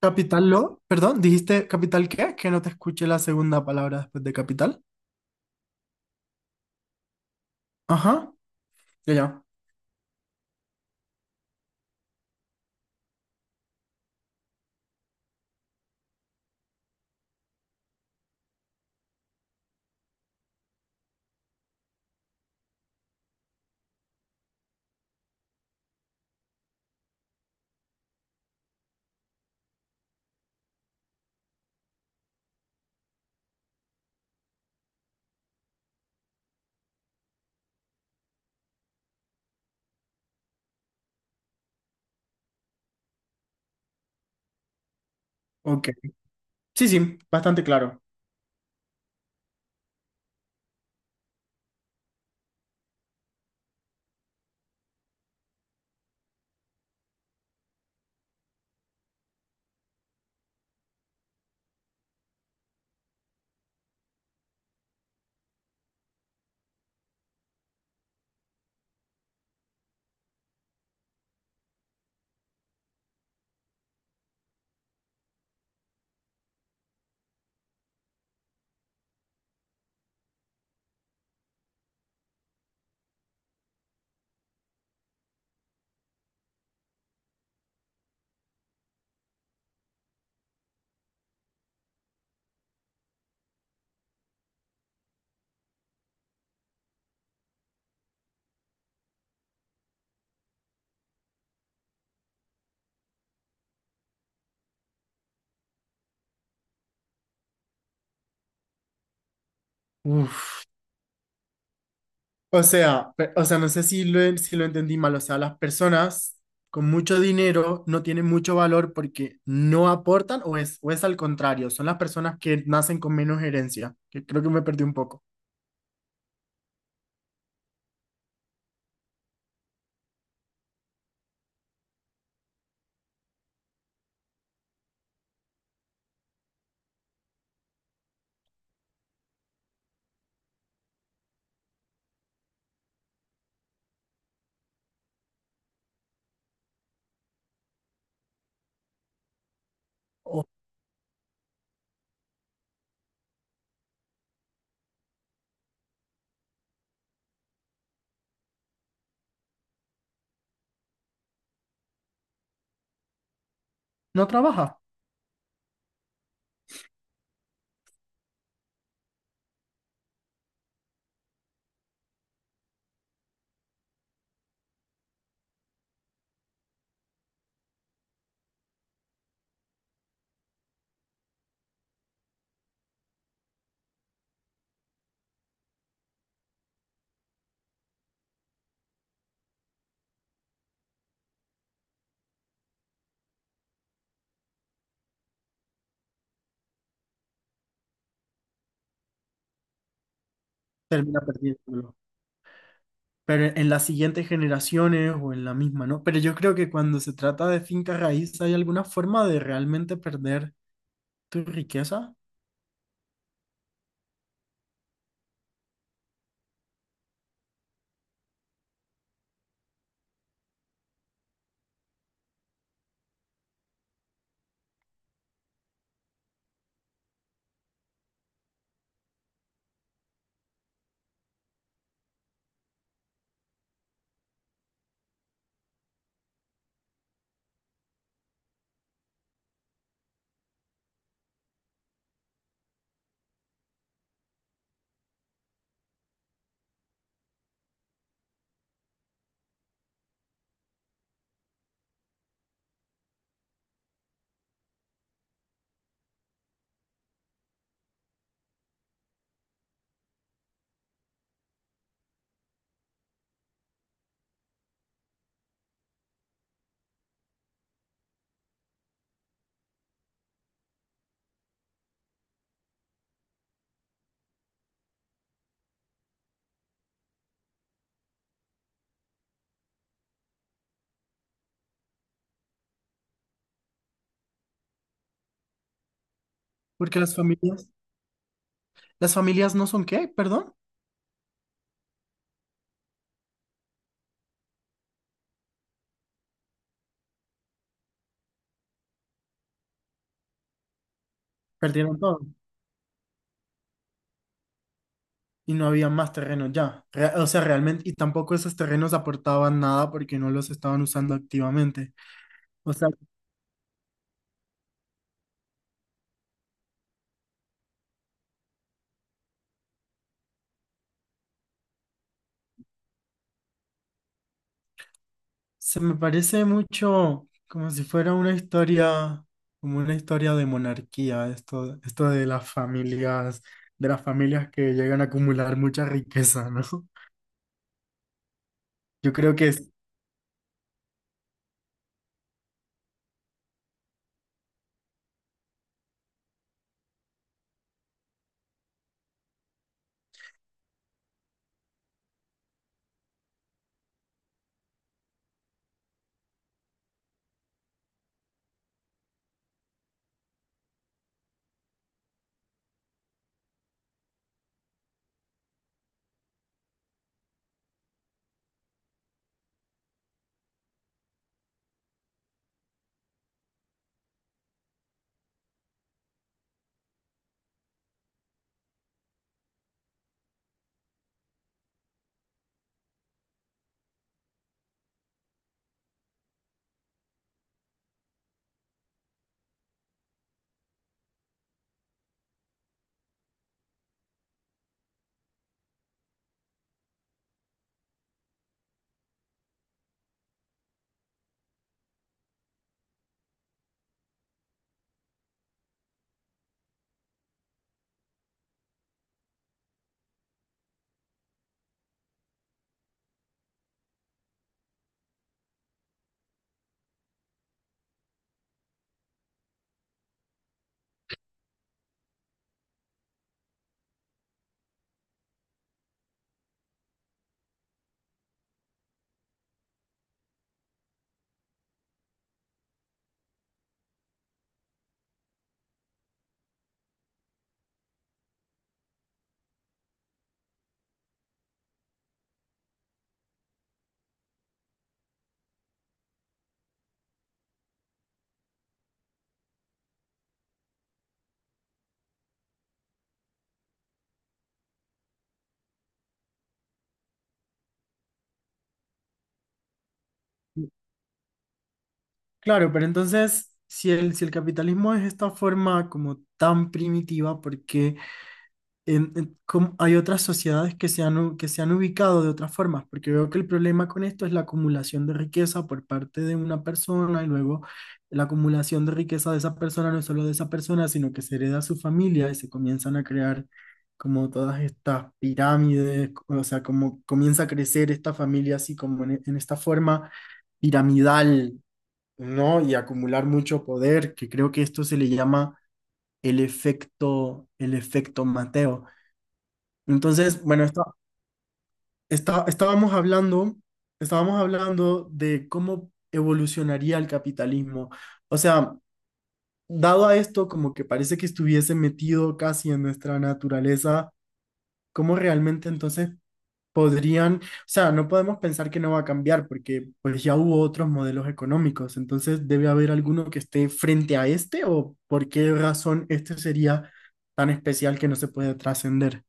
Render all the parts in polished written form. Capital lo, perdón, ¿dijiste capital qué? Que no te escuché la segunda palabra después de capital. Ajá, ya, ya. Ok. Sí, sí, bastante claro. Uf. O sea, o sea, no sé si lo entendí mal. O sea, ¿las personas con mucho dinero no tienen mucho valor porque no aportan o es al contrario? Son las personas que nacen con menos herencia, que creo que me perdí un poco. O no trabaja, termina perdiendo. Pero en las siguientes generaciones o en la misma, ¿no? Pero yo creo que cuando se trata de finca raíz, ¿hay alguna forma de realmente perder tu riqueza? Porque las familias no son qué, perdón, perdieron todo y no había más terrenos ya. O sea, realmente, y tampoco esos terrenos aportaban nada porque no los estaban usando activamente. O sea, se me parece mucho como si fuera una historia, como una historia de monarquía, esto de las familias que llegan a acumular mucha riqueza, ¿no? Yo creo que es, claro, pero entonces, si el capitalismo es esta forma como tan primitiva, ¿por qué hay otras sociedades que que se han ubicado de otras formas? Porque veo que el problema con esto es la acumulación de riqueza por parte de una persona y luego la acumulación de riqueza de esa persona, no solo de esa persona, sino que se hereda a su familia y se comienzan a crear como todas estas pirámides. O sea, como comienza a crecer esta familia así como en esta forma piramidal, ¿no? Y acumular mucho poder, que creo que esto se le llama el efecto Mateo. Entonces, bueno, está, está- estábamos hablando, estábamos hablando de cómo evolucionaría el capitalismo. O sea, dado a esto, como que parece que estuviese metido casi en nuestra naturaleza, ¿cómo realmente entonces podrían, o sea, no podemos pensar que no va a cambiar porque pues ya hubo otros modelos económicos? Entonces debe haber alguno que esté frente a este, o ¿por qué razón este sería tan especial que no se puede trascender?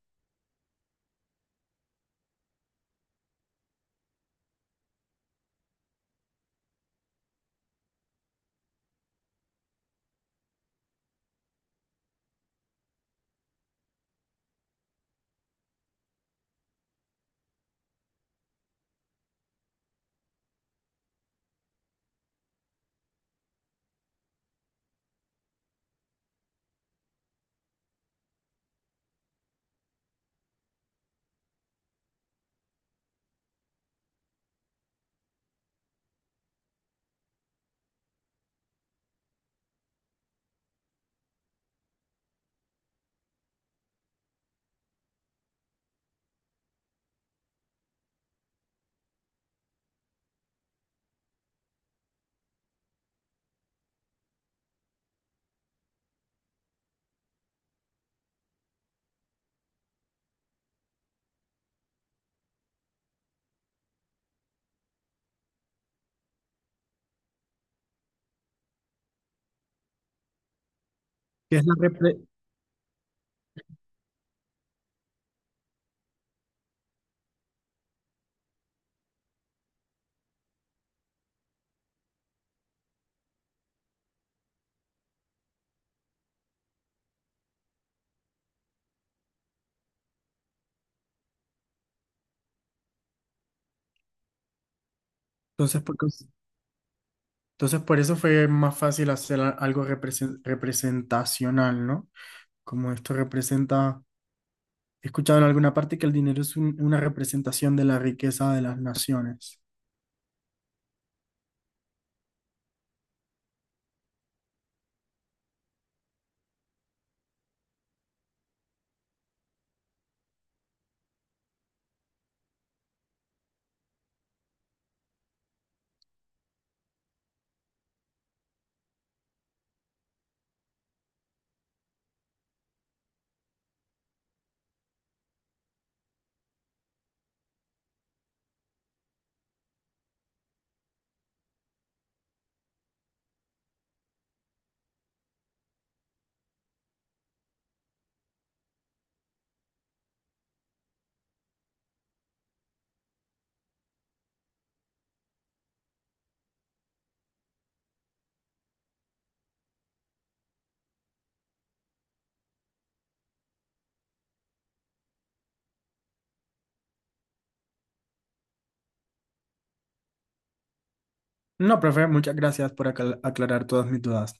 ¿Qué es la repre- Entonces, ¿por qué? Entonces, por eso fue más fácil hacer algo representacional, ¿no? Como esto representa, he escuchado en alguna parte que el dinero es una representación de la riqueza de las naciones. No, profe, muchas gracias por aclarar todas mis dudas.